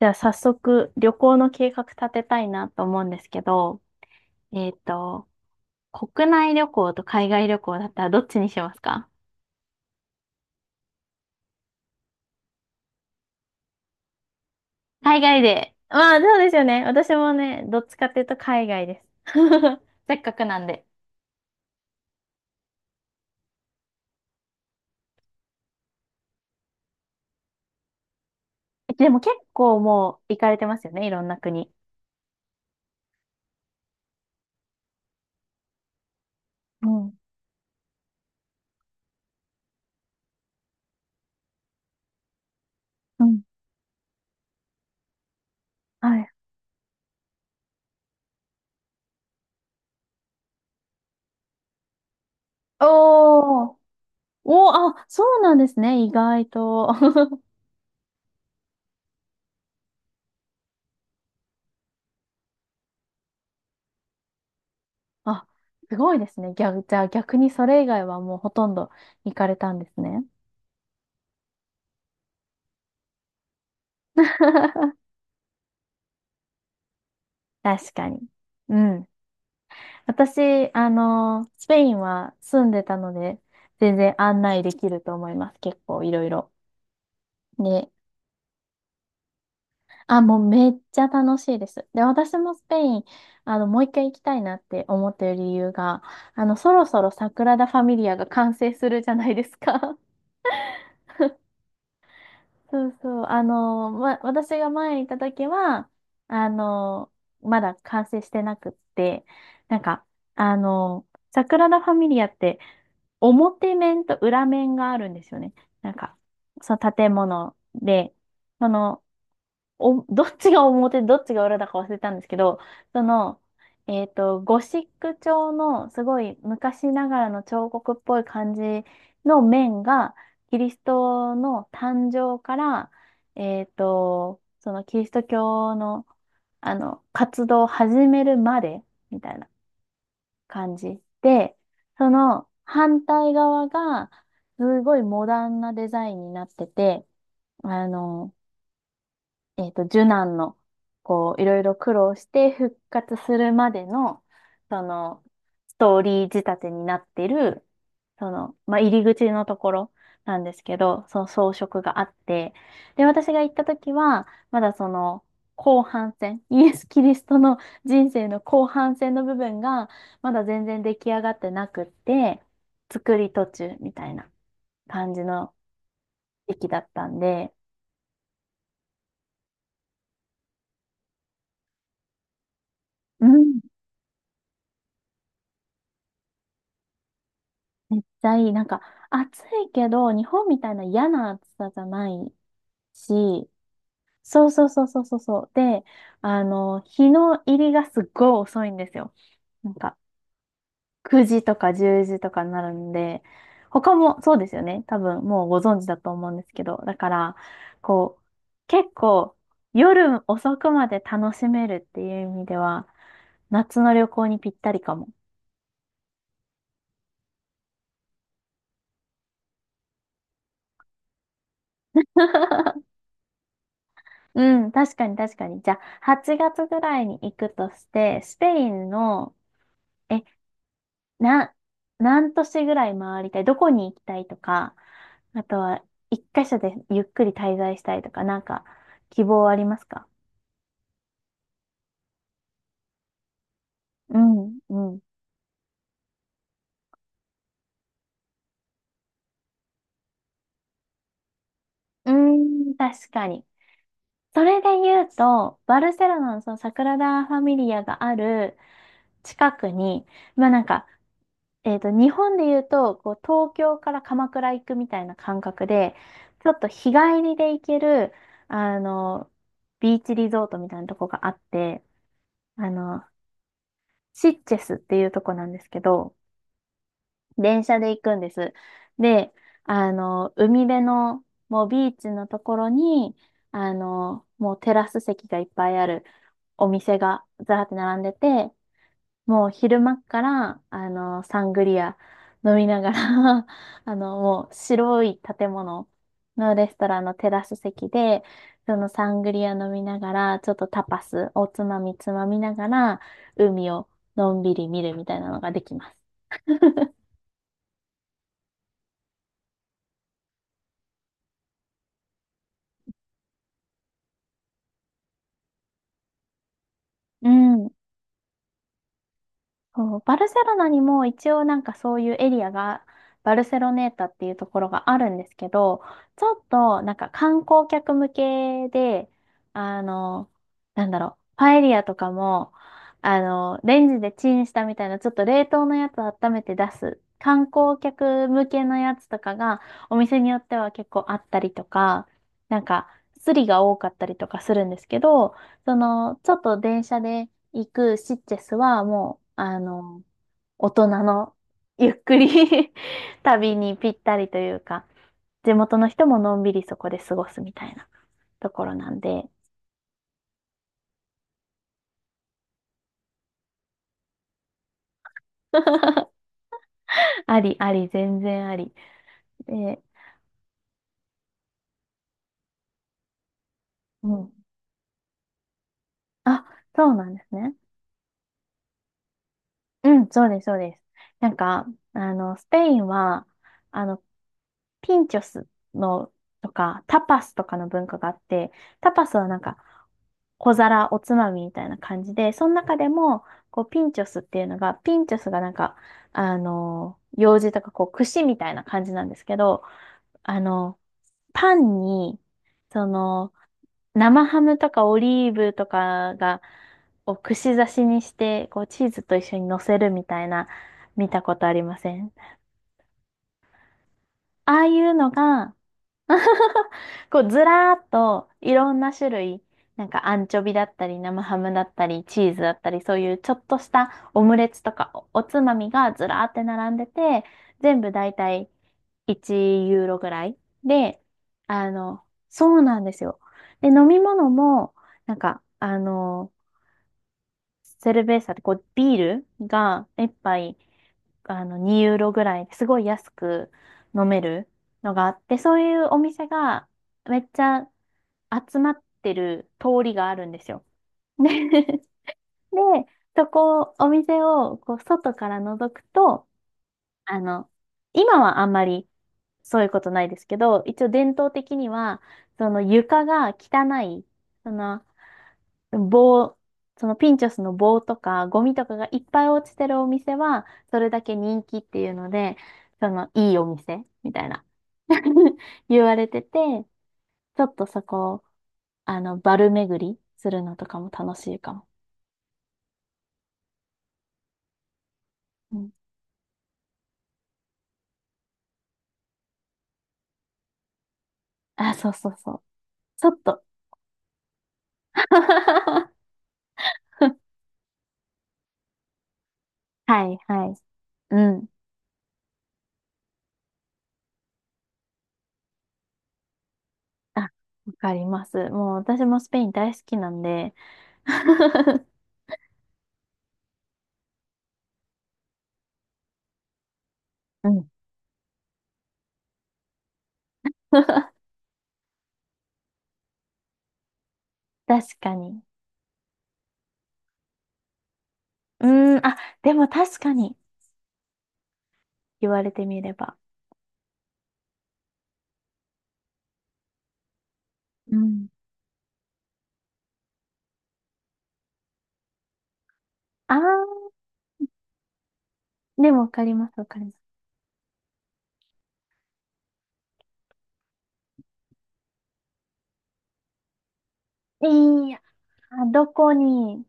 じゃあ早速旅行の計画立てたいなと思うんですけど、えっと、国内旅行と海外旅行だったらどっちにしますか？海外で。まあそうですよね。私もね、どっちかっていうと海外です。せっかくなんで。でも結構もう行かれてますよね、いろんな国。うん。うん。はい。おー。おー、あ、そうなんですね、意外と。あ、すごいですね。じゃあ逆にそれ以外はもうほとんど行かれたんですね。確かに。うん。私、スペインは住んでたので、全然案内できると思います。結構いろいろ。ね、あ、もうめっちゃ楽しいです。で、私もスペイン、もう一回行きたいなって思ってる理由が、そろそろサグラダ・ファミリアが完成するじゃないですか。そうそう。ま、私が前に行った時は、あの、まだ完成してなくって、なんか、あの、サグラダ・ファミリアって、表面と裏面があるんですよね。なんか、その建物で、その、どっちが表、どっちが裏だか忘れたんですけど、その、ゴシック調のすごい昔ながらの彫刻っぽい感じの面が、キリストの誕生から、そのキリスト教の、活動を始めるまで、みたいな。感じ。で、その反対側が、すごいモダンなデザインになってて、あの、受難の、こう、いろいろ苦労して復活するまでの、その、ストーリー仕立てになってる、その、まあ、入り口のところなんですけど、その装飾があって、で、私が行った時は、まだその、後半戦、イエス・キリストの人生の後半戦の部分が、まだ全然出来上がってなくって、作り途中みたいな感じの時期だったんで、うん。めっちゃいい。なんか、暑いけど、日本みたいな嫌な暑さじゃないし、そうそうそうそうそうそう。で、日の入りがすっごい遅いんですよ。なんか、9時とか10時とかになるんで、他もそうですよね。多分、もうご存知だと思うんですけど。だから、こう、結構、夜遅くまで楽しめるっていう意味では、夏の旅行にぴったりかも。うん、確かに確かに。じゃあ、8月ぐらいに行くとして、スペインの、え、な、何都市ぐらい回りたい、どこに行きたいとか、あとは、一箇所でゆっくり滞在したいとか、なんか、希望ありますか？うん、うん。うーん、確かに。それで言うと、バルセロナのそのサグラダ・ファミリアがある近くに、まあなんか、日本で言うと、こう、東京から鎌倉行くみたいな感覚で、ちょっと日帰りで行ける、あの、ビーチリゾートみたいなとこがあって、あの、シッチェスっていうとこなんですけど、電車で行くんです。で、海辺の、もうビーチのところに、もうテラス席がいっぱいあるお店がざーって並んでて、もう昼間っから、サングリア飲みながら もう白い建物のレストランのテラス席で、そのサングリア飲みながら、ちょっとタパス、おつまみつまみながら、海をのんびり見るみたいなのができます。うん。そう、バルセロナにも一応なんかそういうエリアが、バルセロネータっていうところがあるんですけど、ちょっとなんか観光客向けで、あの、なんだろう、パエリアとかも、レンジでチンしたみたいな、ちょっと冷凍のやつを温めて出す、観光客向けのやつとかが、お店によっては結構あったりとか、なんか、スリが多かったりとかするんですけど、その、ちょっと電車で、行くシッチェスはもう、大人のゆっくり 旅にぴったりというか、地元の人ものんびりそこで過ごすみたいなところなんで、ありあり、全然あり。で、うん。あ、そうなんですね。うん、そうです、そうです。なんか、スペインは、あの、ピンチョスの、とか、タパスとかの文化があって、タパスはなんか、小皿、おつまみみたいな感じで、その中でも、こう、ピンチョスっていうのが、ピンチョスがなんか、用事とか、こう、串みたいな感じなんですけど、あの、パンに、その、生ハムとかオリーブとかが、を串刺しにして、こうチーズと一緒に乗せるみたいな、見たことありません？ああいうのが、こうずらーっといろんな種類、なんかアンチョビだったり生ハムだったりチーズだったりそういうちょっとしたオムレツとかおつまみがずらーって並んでて、全部だいたい1ユーロぐらいで、あの、そうなんですよ。で、飲み物も、なんか、セルベーサってこうビールが一杯2ユーロぐらいですごい安く飲めるのがあって、そういうお店がめっちゃ集まってる通りがあるんですよ。で、で、そこ、お店をこう外から覗くと、あの、今はあんまりそういうことないですけど、一応伝統的には、その床が汚い、その棒、そのピンチョスの棒とかゴミとかがいっぱい落ちてるお店は、それだけ人気っていうので、そのいいお店みたいな 言われてて、ちょっとそこ、バル巡りするのとかも楽しいかも。うん。あ、そうそうそう。ちょっと。はいはい。うん。あ、わかります。もう私もスペイン大好きなんで。うん。確かに。うーん、あ、でも確かに。言われてみれば。うん。ああ、でもわかります、わかります。いやー、どこに、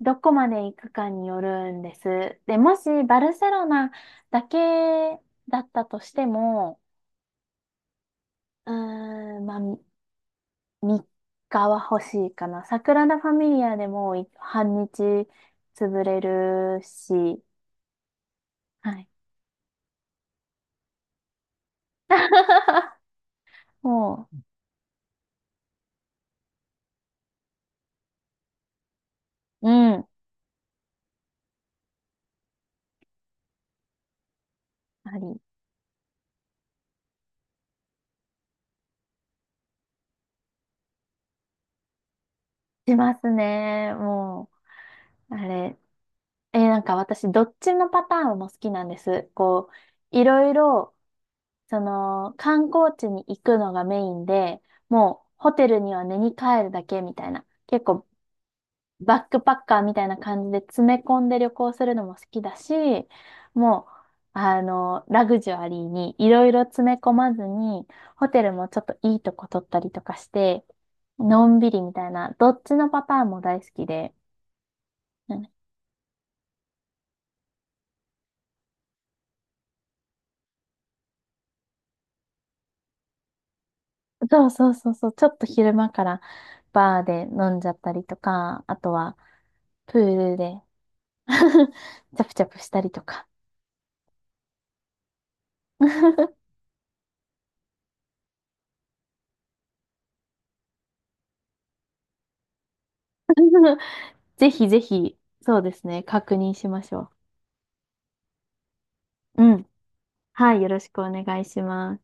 どこまで行くかによるんです。で、もしバルセロナだけだったとしても、うーん、まあ、3日は欲しいかな。サグラダ・ファミリアでも半日潰れるし、はい。もう、うん、ありしますね。もう、あれ、なんか私、どっちのパターンも好きなんです。こう、いろいろ、その、観光地に行くのがメインで、もう、ホテルには寝に帰るだけみたいな、結構、バックパッカーみたいな感じで詰め込んで旅行するのも好きだし、もう、ラグジュアリーにいろいろ詰め込まずに、ホテルもちょっといいとこ取ったりとかして、のんびりみたいな、どっちのパターンも大好きで、うん。そうそうそうそう、ちょっと昼間からバーで飲んじゃったりとか、あとはプールで チャプチャプしたりとか。ぜひぜひ、そうですね、確認しましょう。うん。はい、よろしくお願いします。